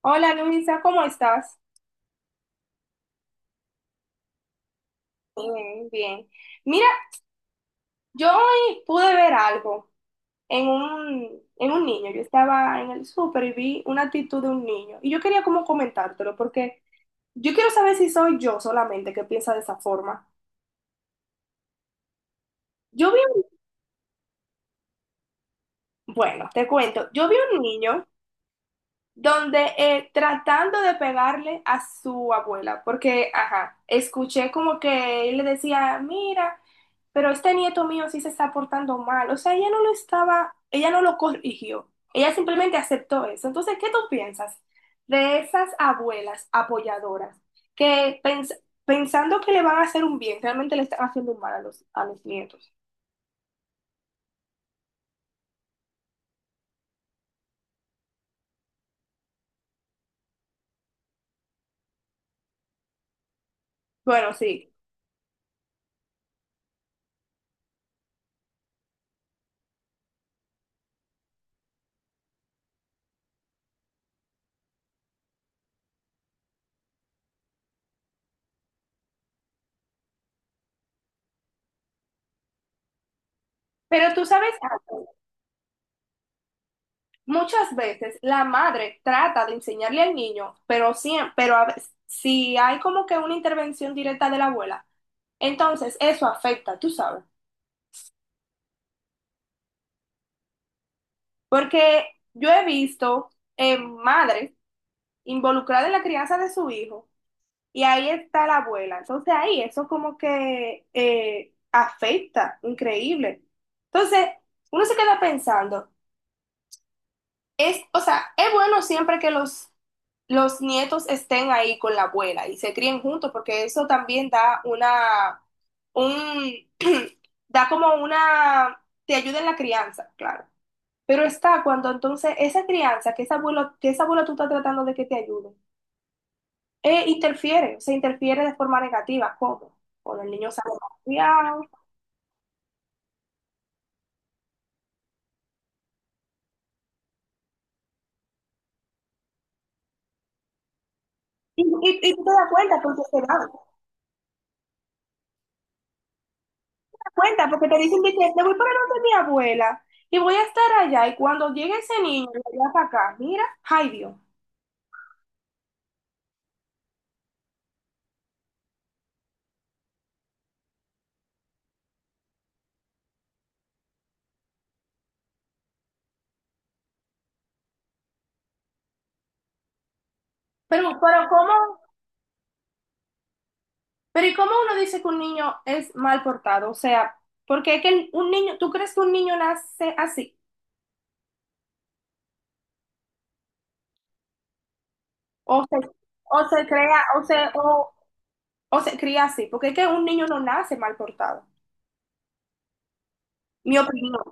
Hola Luisa, ¿cómo estás? Bien, bien. Mira, yo hoy pude ver algo en un niño. Yo estaba en el súper y vi una actitud de un niño. Y yo quería como comentártelo porque yo quiero saber si soy yo solamente que piensa de esa forma. Yo vi un, bueno, te cuento, yo vi un niño donde tratando de pegarle a su abuela, porque, ajá, escuché como que él le decía, mira, pero este nieto mío sí se está portando mal, o sea, ella no lo estaba, ella no lo corrigió, ella simplemente aceptó eso. Entonces, ¿qué tú piensas de esas abuelas apoyadoras que pens- pensando que le van a hacer un bien, realmente le están haciendo un mal a los nietos? Bueno, sí, pero tú sabes algo. Muchas veces la madre trata de enseñarle al niño, pero, sí, pero a veces, si hay como que una intervención directa de la abuela, entonces eso afecta, tú sabes. Porque yo he visto madres involucradas en la crianza de su hijo y ahí está la abuela. Entonces ahí eso como que afecta, increíble. Entonces uno se queda pensando, es, o sea, es bueno siempre que los nietos estén ahí con la abuela y se críen juntos, porque eso también da una, un, da como una, te ayuda en la crianza, claro. Pero está cuando entonces esa crianza, que esa abuela, tú estás tratando de que te ayude, interfiere, se interfiere de forma negativa, ¿cómo? Cuando el niño sale mal criado. Y tú te das cuenta porque se da cuenta, porque te dicen de que te voy para donde mi abuela y voy a estar allá. Y cuando llegue ese niño, y lo lleva para acá, mira, ay Dios. Pero ¿cómo? Pero ¿y cómo uno dice que un niño es mal portado? O sea, porque es que un niño, ¿tú crees que un niño nace así? O se, o se crea, o se cría así, porque es que un niño no nace mal portado. Mi opinión.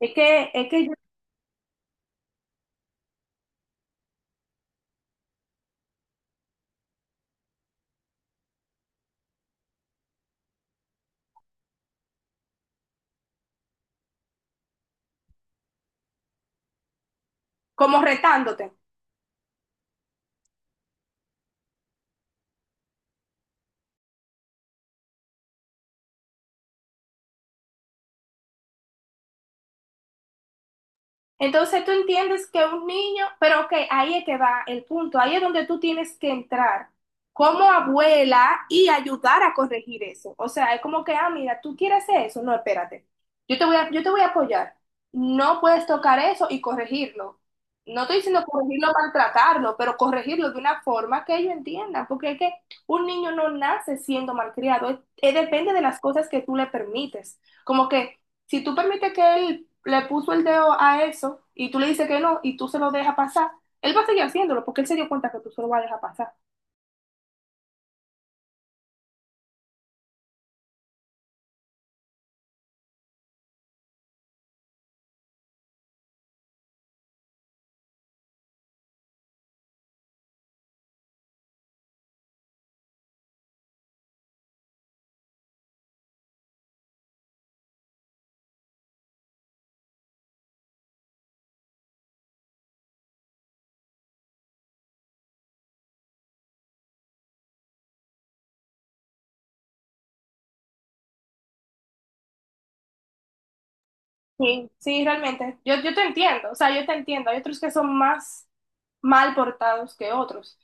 Es que yo... como retándote. Entonces tú entiendes que un niño, pero ok, ahí es que va el punto, ahí es donde tú tienes que entrar como abuela y ayudar a corregir eso. O sea, es como que, ah, mira, tú quieres hacer eso, no, espérate, yo te voy a apoyar. No puedes tocar eso y corregirlo. No estoy diciendo corregirlo, maltratarlo, pero corregirlo de una forma que ellos entiendan, porque es que un niño no nace siendo malcriado, depende de las cosas que tú le permites. Como que si tú permites que él le puso el dedo a eso y tú le dices que no y tú se lo dejas pasar, él va a seguir haciéndolo porque él se dio cuenta que tú se lo vas a dejar pasar. Sí, sí, realmente. Yo te entiendo, o sea, yo te entiendo. Hay otros que son más mal portados que otros.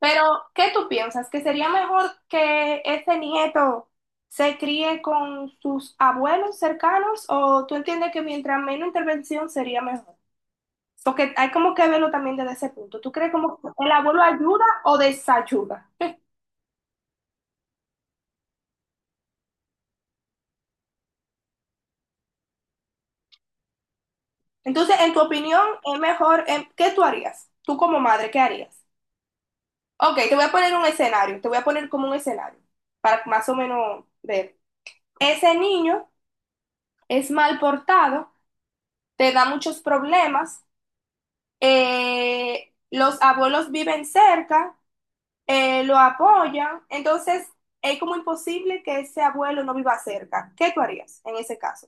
Pero, ¿qué tú piensas? ¿Que sería mejor que este nieto se críe con sus abuelos cercanos o tú entiendes que mientras menos intervención sería mejor? Porque hay como que verlo también desde ese punto. ¿Tú crees como que el abuelo ayuda o desayuda? Entonces, en tu opinión, es mejor, ¿qué tú harías? Tú como madre, ¿qué harías? Ok, te voy a poner un escenario, te voy a poner como un escenario para más o menos ver. Ese niño es mal portado, te da muchos problemas, los abuelos viven cerca, lo apoyan, entonces es como imposible que ese abuelo no viva cerca. ¿Qué tú harías en ese caso?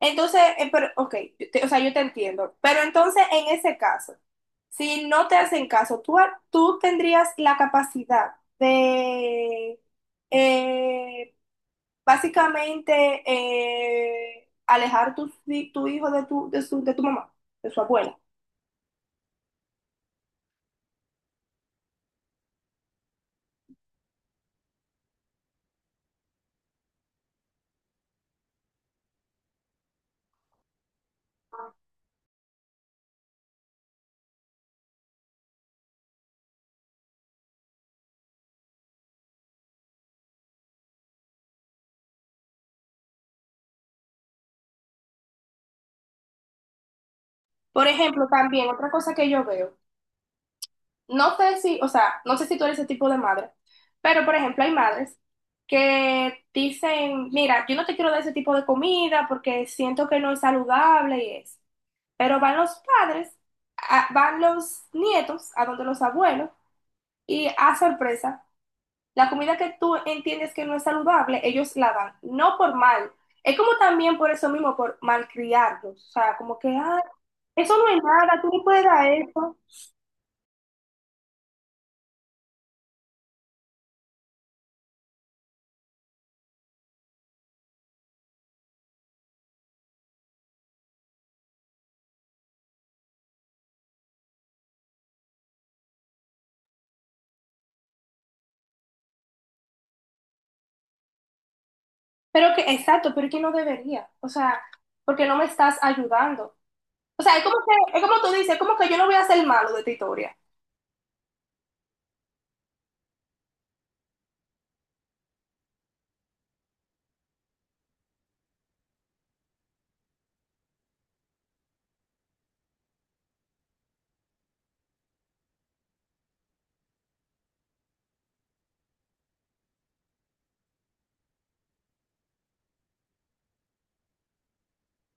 Entonces, pero, ok, yo te... o sea, yo te entiendo. Pero entonces, en ese caso, si no te hacen caso, tú, tú tendrías la capacidad de, eh, básicamente, alejar tu hijo de de tu mamá, de su abuela. Por ejemplo, también otra cosa que yo veo. No sé si, o sea, no sé si tú eres ese tipo de madre, pero por ejemplo hay madres que dicen, mira, yo no te quiero dar ese tipo de comida porque siento que no es saludable y es. Pero van los padres, van los nietos a donde los abuelos y a sorpresa, la comida que tú entiendes que no es saludable, ellos la dan, no por mal. Es como también por eso mismo, por malcriarlos, o sea, como que, ah, eso no es nada, tú no puedes dar eso. Pero que, exacto, pero que no debería. O sea, porque no me estás ayudando. O sea, es como que, es como tú dices, es como que yo no voy a hacer malo de tu historia.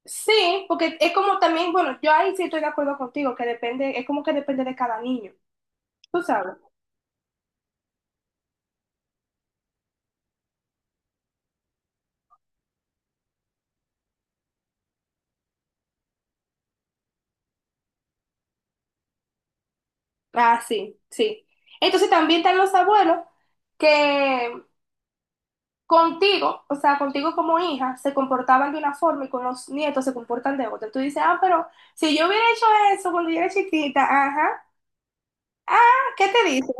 Sí, porque es como también, bueno, yo ahí sí estoy de acuerdo contigo, que depende, es como que depende de cada niño. Tú sabes. Ah, sí, sí. Entonces también están los abuelos que contigo, o sea, contigo como hija, se comportaban de una forma y con los nietos se comportan de otra. Tú dices, ah, pero si yo hubiera hecho eso cuando yo era chiquita, ajá, ah, ¿qué te dice?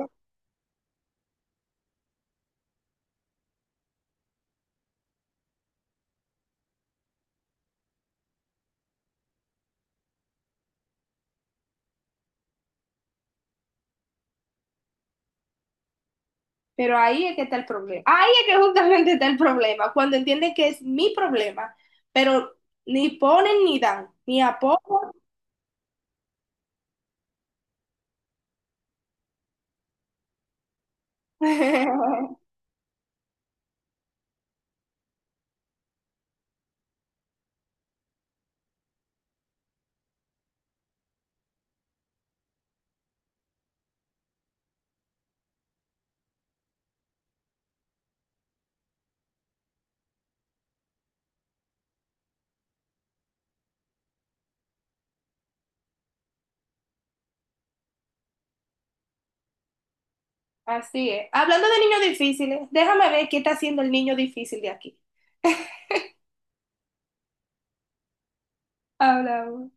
Pero ahí es que está el problema. Ahí es que justamente está el problema, cuando entienden que es mi problema, pero ni ponen ni dan, ni apoyan. Así es. Hablando de niños difíciles, déjame ver qué está haciendo el niño difícil de aquí. Hablamos.